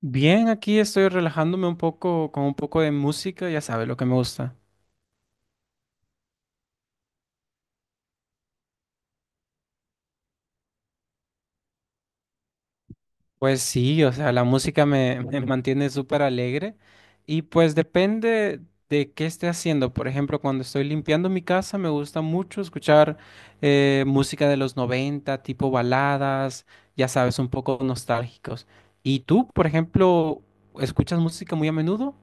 Bien, aquí estoy relajándome un poco con un poco de música, ya sabes lo que me gusta. Pues sí, o sea, la música me mantiene súper alegre y pues depende de qué esté haciendo. Por ejemplo, cuando estoy limpiando mi casa me gusta mucho escuchar música de los 90, tipo baladas, ya sabes, un poco nostálgicos. ¿Y tú, por ejemplo, escuchas música muy a menudo?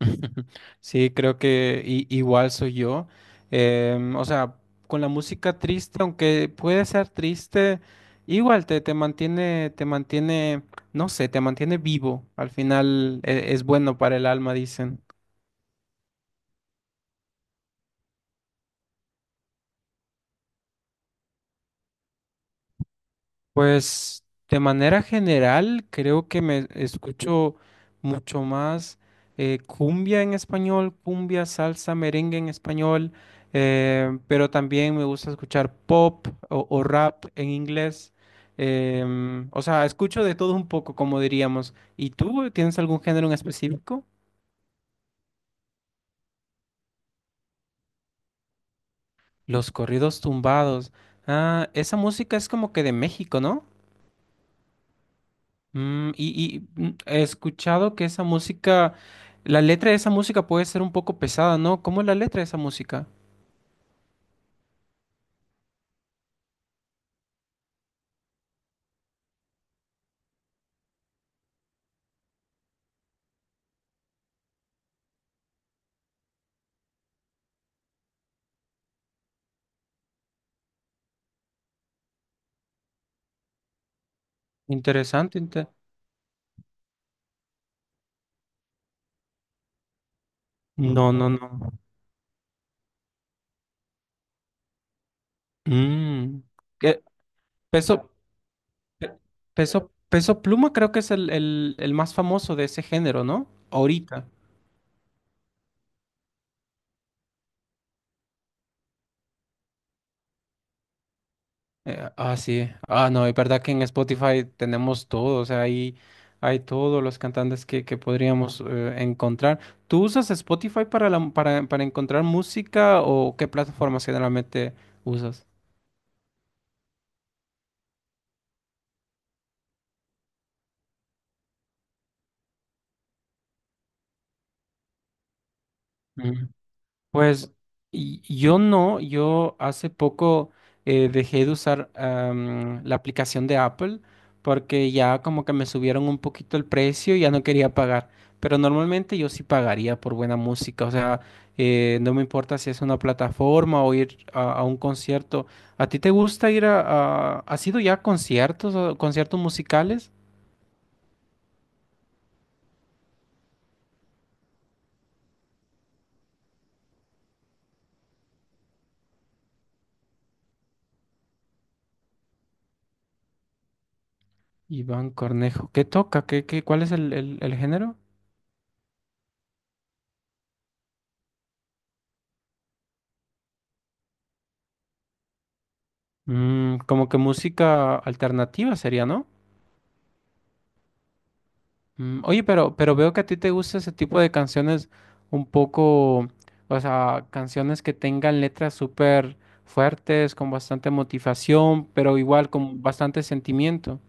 Sí, creo que igual soy yo. O sea, con la música triste, aunque puede ser triste, igual te mantiene, no sé, te mantiene vivo. Al final es bueno para el alma, dicen. Pues de manera general creo que me escucho mucho más cumbia en español, cumbia, salsa, merengue en español, pero también me gusta escuchar pop o rap en inglés. O sea, escucho de todo un poco, como diríamos. ¿Y tú tienes algún género en específico? Los corridos tumbados. Ah, esa música es como que de México, ¿no? He escuchado que esa música, la letra de esa música puede ser un poco pesada, ¿no? ¿Cómo es la letra de esa música? Interesante, no, no, no. Mm, que peso, pe- peso, peso Pluma creo que es el más famoso de ese género, ¿no? Ahorita. Ah, sí. Ah, no, es verdad que en Spotify tenemos todo, o sea, ahí hay todos los cantantes que podríamos encontrar. ¿Tú usas Spotify para encontrar música o qué plataformas generalmente usas? Pues yo no, yo hace poco dejé de usar la aplicación de Apple porque ya como que me subieron un poquito el precio y ya no quería pagar. Pero normalmente yo sí pagaría por buena música, o sea, no me importa si es una plataforma o ir a un concierto. ¿A ti te gusta ir a, ¿Has ido ya a conciertos o conciertos musicales? Iván Cornejo, ¿qué toca? ¿Cuál es el género? Como que música alternativa sería, ¿no? Oye, pero veo que a ti te gusta ese tipo de canciones un poco, o sea, canciones que tengan letras súper fuertes, con bastante motivación, pero igual con bastante sentimiento.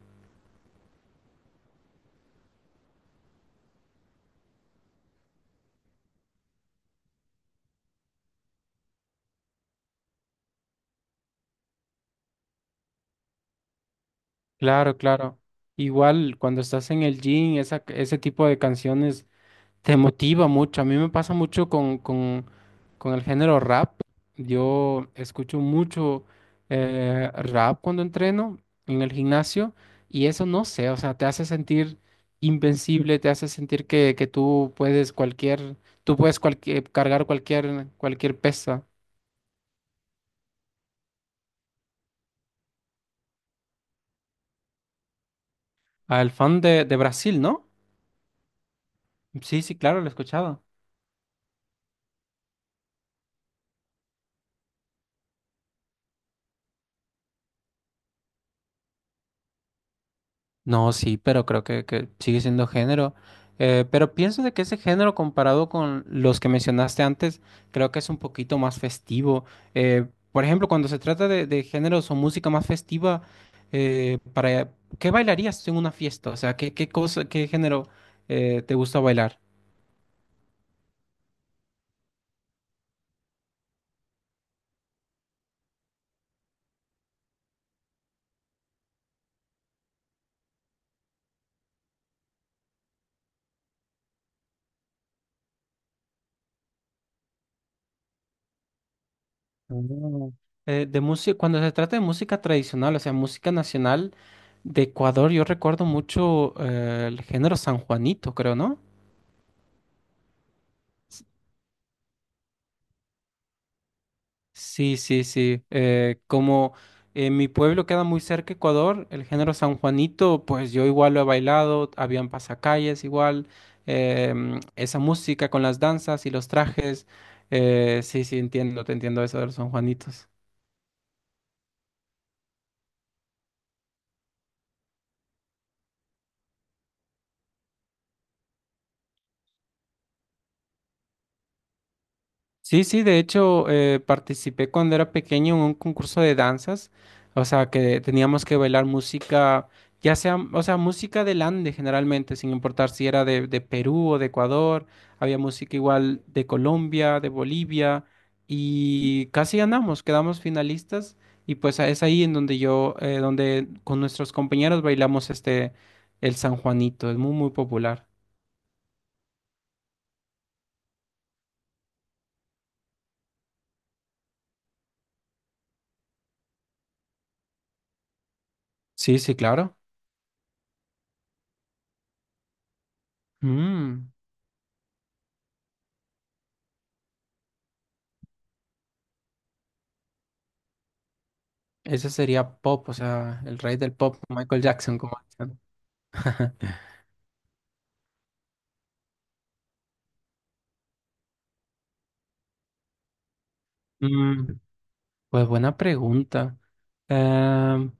Claro, claro. Igual cuando estás en el gym, ese tipo de canciones te motiva mucho. A mí me pasa mucho con el género rap. Yo escucho mucho rap cuando entreno en el gimnasio y eso no sé, o sea, te hace sentir invencible, te hace sentir que cargar cualquier pesa. Al fan de Brasil, ¿no? Sí, sí, claro, lo he escuchado. No, sí, pero creo que sigue siendo género. Pero pienso de que ese género comparado con los que mencionaste antes, creo que es un poquito más festivo. Por ejemplo, cuando se trata de géneros o música más festiva, eh, para, ¿qué bailarías en una fiesta? O sea, ¿qué cosa, qué género te gusta bailar? Mm. De música, cuando se trata de música tradicional, o sea, música nacional de Ecuador, yo recuerdo mucho el género San Juanito, creo, ¿no? Sí, sí, sí. Como en mi pueblo queda muy cerca Ecuador, el género San Juanito, pues yo igual lo he bailado, habían pasacalles igual, esa música con las danzas y los trajes. Sí, sí, te entiendo eso de los San Juanitos. Sí, sí, de hecho participé cuando era pequeño en un concurso de danzas, o sea que teníamos que bailar música, ya sea, o sea, música del Ande generalmente, sin importar si era de Perú o de Ecuador, había música igual de Colombia, de Bolivia, y casi ganamos, quedamos finalistas, y pues es ahí en donde donde con nuestros compañeros bailamos este, el San Juanito, es muy, muy popular. Sí, sí, claro. Mm. Ese sería pop, o sea, el rey del pop, Michael Jackson, como dicen. Mm, pues buena pregunta. Em,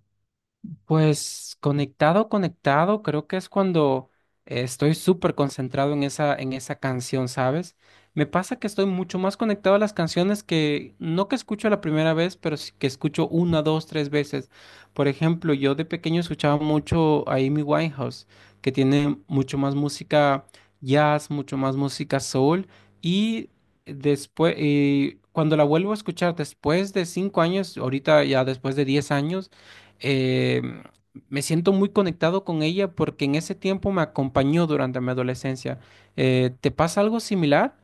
Pues conectado, conectado, creo que es cuando estoy súper concentrado en esa canción, ¿sabes? Me pasa que estoy mucho más conectado a las canciones que no que escucho la primera vez, pero sí que escucho una, dos, tres veces. Por ejemplo, yo de pequeño escuchaba mucho a Amy Winehouse, que tiene mucho más música jazz, mucho más música soul, y después, cuando la vuelvo a escuchar después de 5 años, ahorita ya después de 10 años, eh, me siento muy conectado con ella porque en ese tiempo me acompañó durante mi adolescencia. ¿Te pasa algo similar?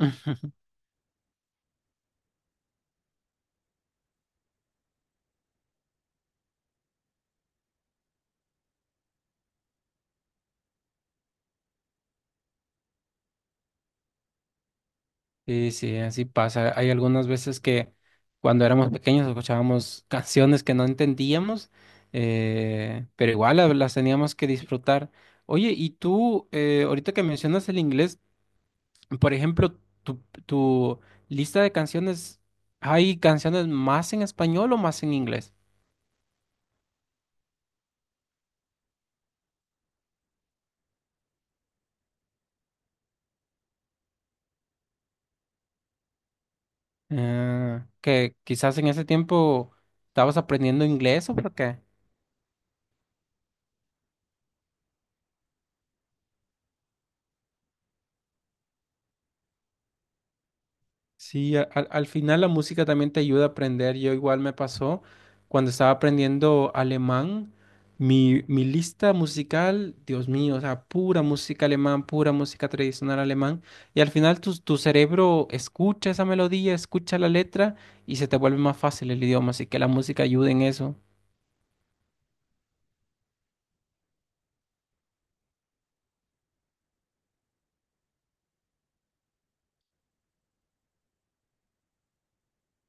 Ujú. Sí, sí, así pasa. Hay algunas veces que cuando éramos pequeños escuchábamos canciones que no entendíamos, pero igual las teníamos que disfrutar. Oye, y tú, ahorita que mencionas el inglés, por ejemplo, tu, tu lista de canciones, ¿hay canciones más en español o más en inglés? Ah, que quizás en ese tiempo estabas aprendiendo inglés o por qué. Sí, al final la música también te ayuda a aprender. Yo igual me pasó cuando estaba aprendiendo alemán, mi lista musical, Dios mío, o sea, pura música alemán, pura música tradicional alemán. Y al final tu cerebro escucha esa melodía, escucha la letra y se te vuelve más fácil el idioma. Así que la música ayuda en eso.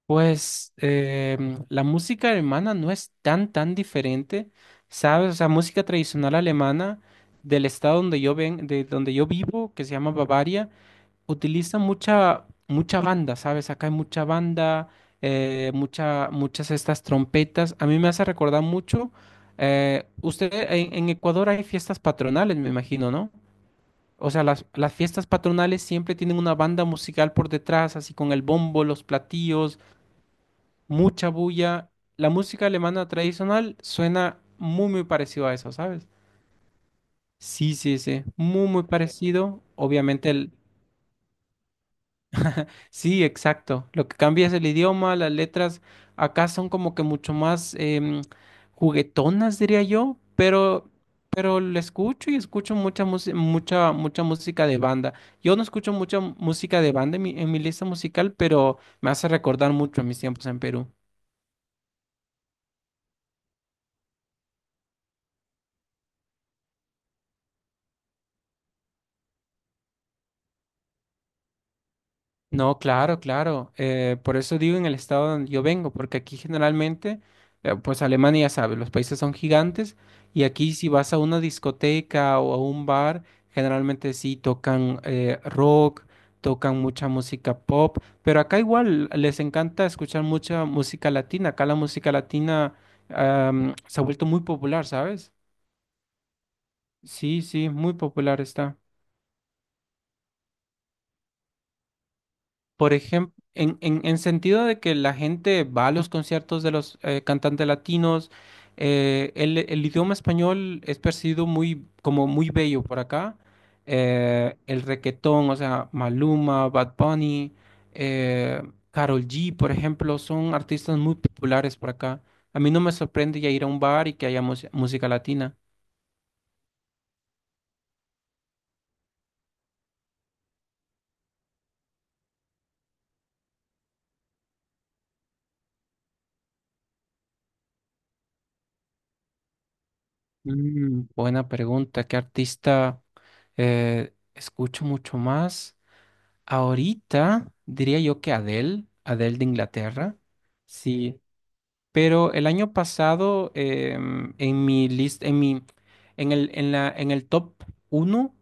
Pues la música alemana no es tan, tan diferente, ¿sabes? O sea, música tradicional alemana del estado de donde yo vivo, que se llama Bavaria, utiliza mucha banda, ¿sabes? Acá hay mucha banda, muchas estas trompetas. A mí me hace recordar mucho. Usted en Ecuador hay fiestas patronales, me imagino, ¿no? O sea, las fiestas patronales siempre tienen una banda musical por detrás, así con el bombo, los platillos mucha bulla. La música alemana tradicional suena muy, muy parecido a eso, ¿sabes? Sí, sí, sí, muy, muy parecido. Obviamente. Sí, exacto. Lo que cambia es el idioma, las letras. Acá son como que mucho más juguetonas, diría yo, pero, lo escucho y escucho mucha música de banda. Yo no escucho mucha música de banda en mi lista musical, pero me hace recordar mucho a mis tiempos en Perú. No, claro, claro. Por eso digo en el estado donde yo vengo, porque aquí generalmente, pues Alemania ya sabe, los países son gigantes y aquí si vas a una discoteca o a un bar, generalmente sí tocan rock, tocan mucha música pop, pero acá igual les encanta escuchar mucha música latina. Acá la música latina se ha vuelto muy popular, ¿sabes? Sí, sí, muy popular está. Por ejemplo, en sentido de que la gente va a los conciertos de los cantantes latinos, el idioma español es percibido muy, como muy bello por acá. El requetón, o sea, Maluma, Bad Bunny, eh, Karol G, por ejemplo, son artistas muy populares por acá. A mí no me sorprende ya ir a un bar y que haya música latina. Buena pregunta. ¿Qué artista escucho mucho más? Ahorita diría yo que Adele, Adele de Inglaterra, sí, pero el año pasado em, en mi list, en mi, en el top uno,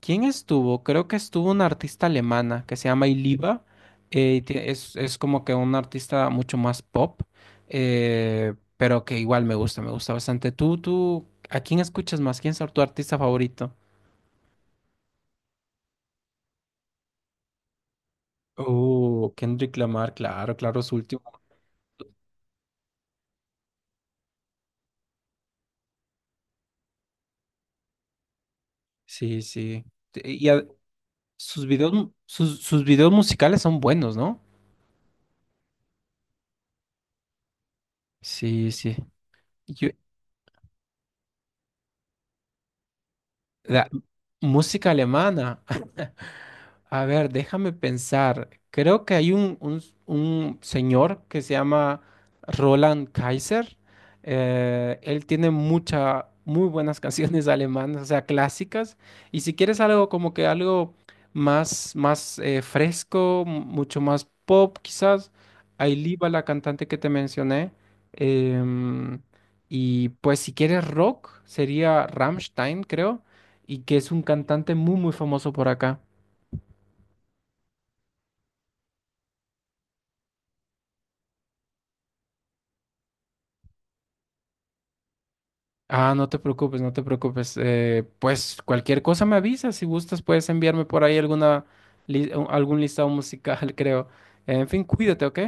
¿quién estuvo? Creo que estuvo una artista alemana que se llama Iliva, es como que una artista mucho más pop, pero que igual me gusta bastante. ¿Tú, a quién escuchas más? ¿Quién es tu artista favorito? Oh, Kendrick Lamar, claro, claro, su último. Sí, sí. Te- Y a- sus videos, sus videos musicales son buenos, ¿no? Sí, sí. La música alemana. A ver, déjame pensar. Creo que hay un, un señor que se llama Roland Kaiser. Él tiene muy buenas canciones alemanas, o sea, clásicas. Y si quieres algo como que algo más fresco, mucho más pop, quizás, Ailiva, la cantante que te mencioné. Em, y pues si quieres rock, sería Rammstein, creo y que es un cantante muy, muy famoso por acá. Ah, no te preocupes, no te preocupes. Pues cualquier cosa me avisas. Si gustas, puedes enviarme por ahí algún listado musical, creo. En fin, cuídate, ¿ok?